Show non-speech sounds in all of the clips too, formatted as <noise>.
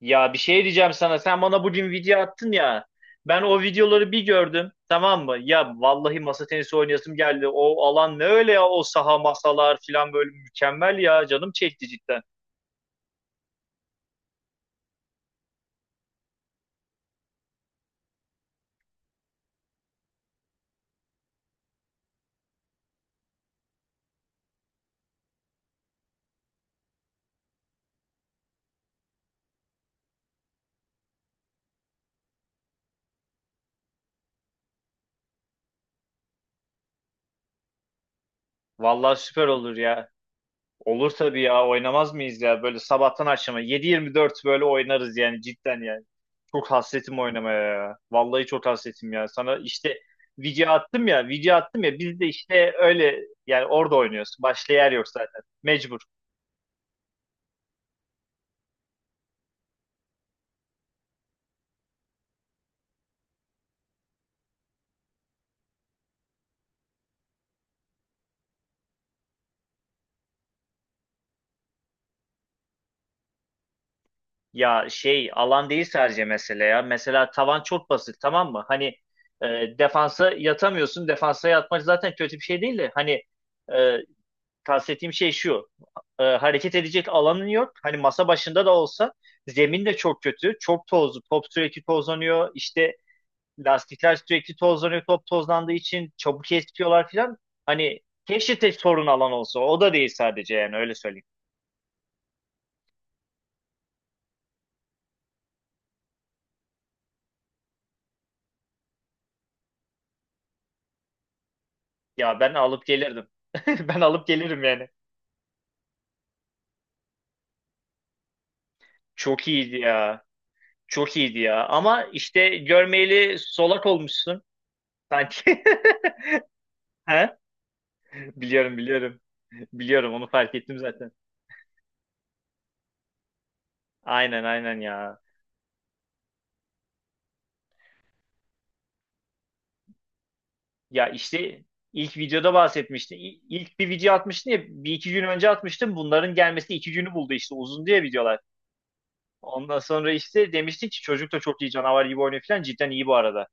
Ya bir şey diyeceğim sana. Sen bana bugün video attın ya. Ben o videoları bir gördüm. Tamam mı? Ya vallahi masa tenisi oynayasım geldi. O alan ne öyle ya o saha masalar falan böyle mükemmel ya. Canım çekti cidden. Vallahi süper olur ya. Olur tabii ya. Oynamaz mıyız ya? Böyle sabahtan akşama 7-24 böyle oynarız yani cidden yani. Çok hasretim oynamaya ya. Vallahi çok hasretim ya. Sana işte video attım ya. Biz de işte öyle yani orada oynuyoruz. Başka yer yok zaten. Mecbur. Ya şey alan değil sadece mesele ya. Mesela tavan çok basit tamam mı? Hani defansa yatamıyorsun. Defansa yatmak zaten kötü bir şey değil de. Hani e, kastettiğim şey şu. Hareket edecek alanın yok. Hani masa başında da olsa zemin de çok kötü. Çok tozlu. Top sürekli tozlanıyor. İşte lastikler sürekli tozlanıyor. Top tozlandığı için çabuk eskiyorlar filan. Hani keşke tek sorun alan olsa. O da değil sadece yani öyle söyleyeyim. Ya ben alıp gelirdim. <laughs> Ben alıp gelirim yani. Çok iyiydi ya. Çok iyiydi ya. Ama işte görmeyeli solak olmuşsun sanki. <laughs> He? Biliyorum. Biliyorum onu fark ettim zaten. Aynen ya. Ya işte ilk videoda bahsetmiştin. İlk bir video atmıştın ya bir iki gün önce atmıştım. Bunların gelmesi iki günü buldu işte uzun diye videolar. Ondan sonra işte demiştin ki çocuk da çok iyi canavar gibi oynuyor falan. Cidden iyi bu arada.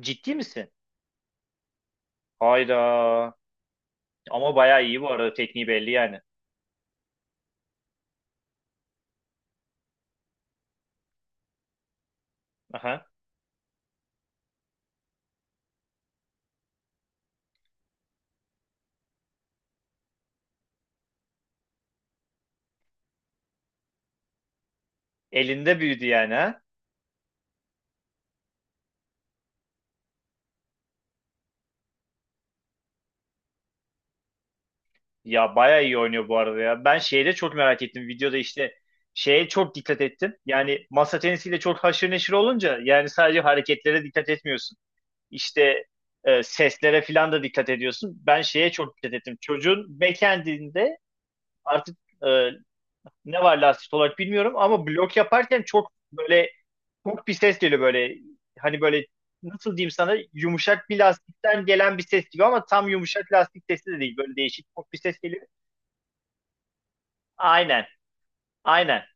Ciddi misin? Hayda. Ama bayağı iyi bu arada tekniği belli yani. Aha. Elinde büyüdü yani. Ya bayağı iyi oynuyor bu arada ya. Ben şeyde çok merak ettim. Videoda işte şeye çok dikkat ettim. Yani masa tenisiyle çok haşır neşir olunca yani sadece hareketlere dikkat etmiyorsun. İşte seslere falan da dikkat ediyorsun. Ben şeye çok dikkat ettim. Çocuğun backhand'inde artık e, ne var lastik olarak bilmiyorum ama blok yaparken çok böyle çok bir ses geliyor böyle. Hani böyle nasıl diyeyim sana yumuşak bir lastikten gelen bir ses gibi ama tam yumuşak lastik sesi de değil. Böyle değişik çok bir ses geliyor. Aynen. Aynen.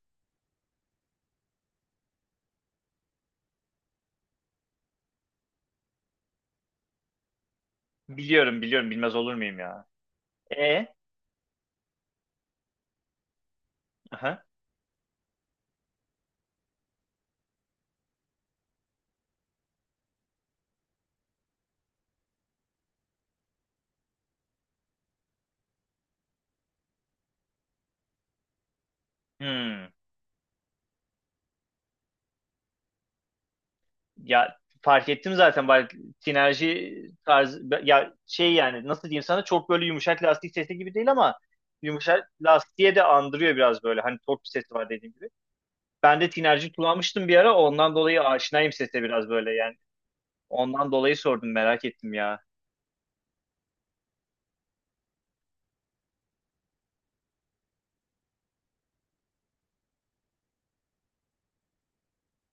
Biliyorum, bilmez olur muyum ya. E? Aha. Hmm. Ya fark ettim zaten bak sinerji tarzı ya şey yani nasıl diyeyim sana çok böyle yumuşak lastik sesi gibi değil ama yumuşak lastiğe de andırıyor biraz böyle hani torp sesi var dediğim gibi. Ben de tinerci kullanmıştım bir ara ondan dolayı aşinayım sese biraz böyle yani. Ondan dolayı sordum merak ettim ya.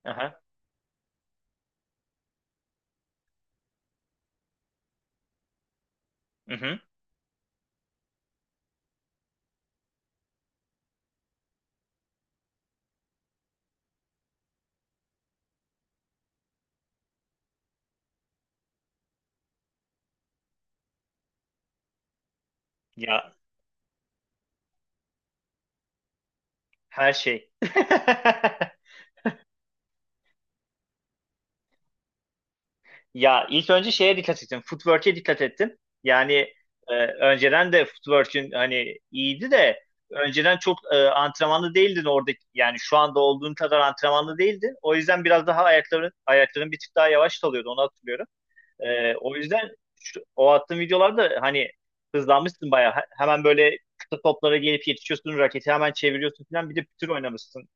Aha. Hı hı. Ya her şey. <laughs> Ya ilk önce şeye dikkat ettim, footwork'e dikkat ettim. Yani önceden de footwork'ün hani iyiydi de önceden çok antrenmanlı değildin orada. Yani şu anda olduğun kadar antrenmanlı değildin. O yüzden biraz daha ayakların bir tık daha yavaş kalıyordu. Onu hatırlıyorum. E, o yüzden o attığın videolarda hani hızlanmışsın bayağı. Hemen böyle kısa toplara gelip yetişiyorsun. Raketi hemen çeviriyorsun falan. Bir de pütür oynamışsın.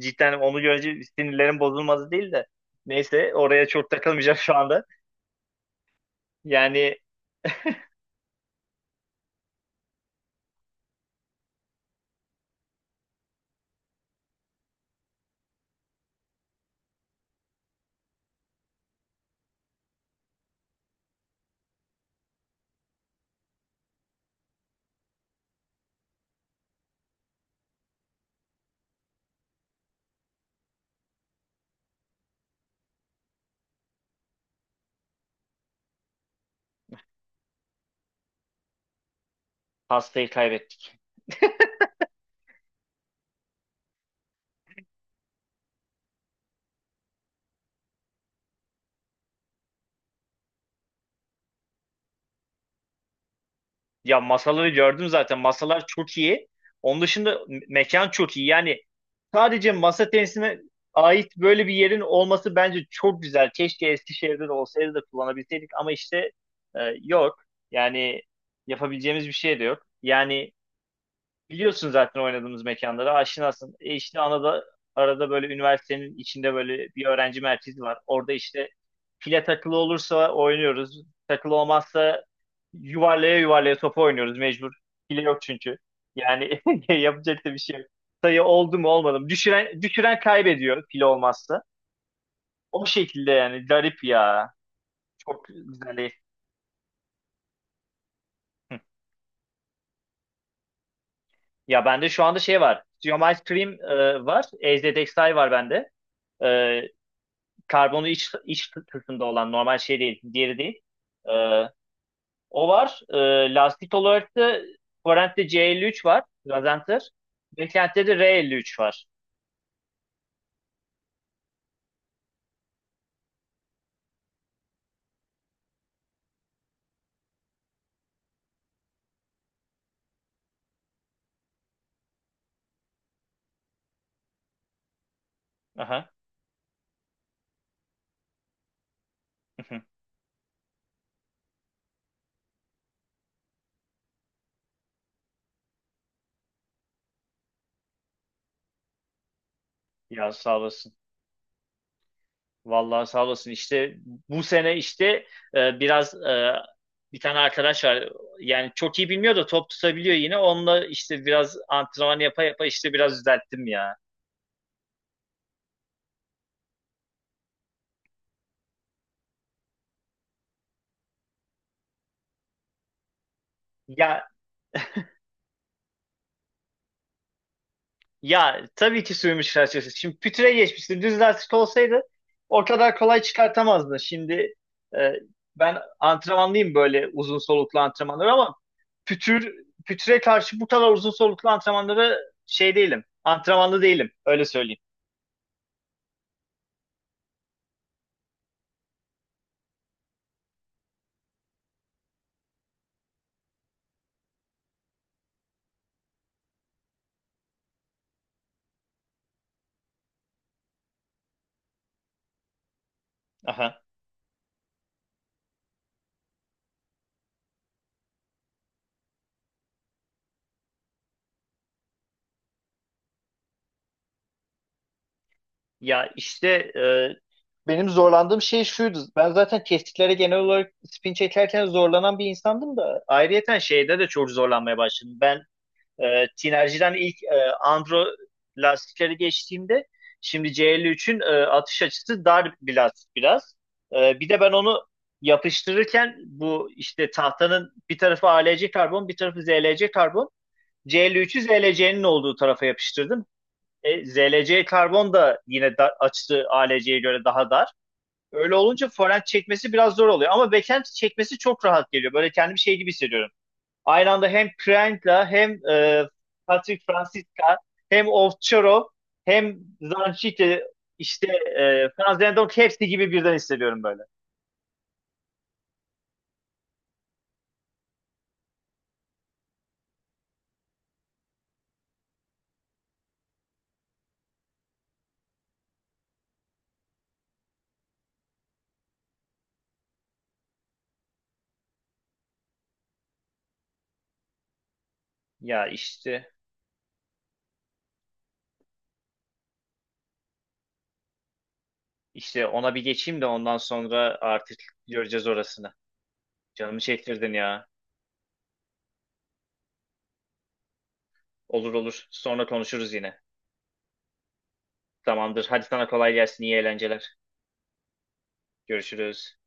Cidden onu görünce sinirlerin bozulmadı değil de. Neyse oraya çok takılmayacağım şu anda. Yani hastayı kaybettik. Ya masaları gördüm zaten. Masalar çok iyi. Onun dışında mekan çok iyi. Yani sadece masa tenisine ait böyle bir yerin olması bence çok güzel. Keşke Eskişehir'de de olsaydı da kullanabilseydik ama işte yok. Yani yapabileceğimiz bir şey de yok. Yani biliyorsun zaten oynadığımız mekanları aşinasın. E işte arada böyle üniversitenin içinde böyle bir öğrenci merkezi var. Orada işte file takılı olursa oynuyoruz. Takılı olmazsa yuvarlaya yuvarlaya topu oynuyoruz mecbur. File yok çünkü. Yani <laughs> yapacak da bir şey yok. Sayı oldu mu olmadı mı? Düşüren kaybediyor file olmazsa. O şekilde yani garip ya. Çok güzel değil. Hı. Ya bende şu anda şey var. Geometry Dream var. EZTEXI var bende. E, karbonu iç kısmında olan normal şey değil, diğeri değil. Ee, O var. Lastik olarak da Forent'te C53 var. Gazenter. Beklenti'de de R53 var. Aha. <laughs> Ya sağ olasın. Vallahi sağ olasın. İşte bu sene işte biraz bir tane arkadaş var. Yani çok iyi bilmiyor da top tutabiliyor yine. Onunla işte biraz antrenman yapa yapa işte biraz düzelttim ya. Ya Ya tabii ki sürmüş felsefesi. Şimdi pütüre geçmişti. Düz lastik olsaydı o kadar kolay çıkartamazdı. Şimdi e, ben antrenmanlıyım böyle uzun soluklu antrenmanları ama pütür pütüre karşı bu kadar uzun soluklu antrenmanlara şey değilim. Antrenmanlı değilim. Öyle söyleyeyim. Aha. Ya işte e, benim zorlandığım şey şuydu. Ben zaten kestiklere genel olarak spin çekerken zorlanan bir insandım da ayrıyeten şeyde de çok zorlanmaya başladım. Ben Tinerji'den ilk Andro lastikleri geçtiğimde şimdi C53'ün atış açısı dar bir lastik biraz. E, bir de ben onu yapıştırırken bu işte tahtanın bir tarafı ALC karbon bir tarafı ZLC karbon. C53'ü ZLC'nin olduğu tarafa yapıştırdım. E, ZLC karbon da yine açtığı ALC'ye göre daha dar. Öyle olunca forend çekmesi biraz zor oluyor. Ama backend çekmesi çok rahat geliyor. Böyle kendimi şey gibi hissediyorum. Aynı anda hem Priyanka hem Patrick Francisca hem Ovcharo hem Zanchite işte Franz Lindor hepsi gibi birden hissediyorum böyle. Ya işte işte ona bir geçeyim de ondan sonra artık göreceğiz orasını. Canımı çektirdin ya. Olur. Sonra konuşuruz yine. Tamamdır. Hadi sana kolay gelsin. İyi eğlenceler. Görüşürüz.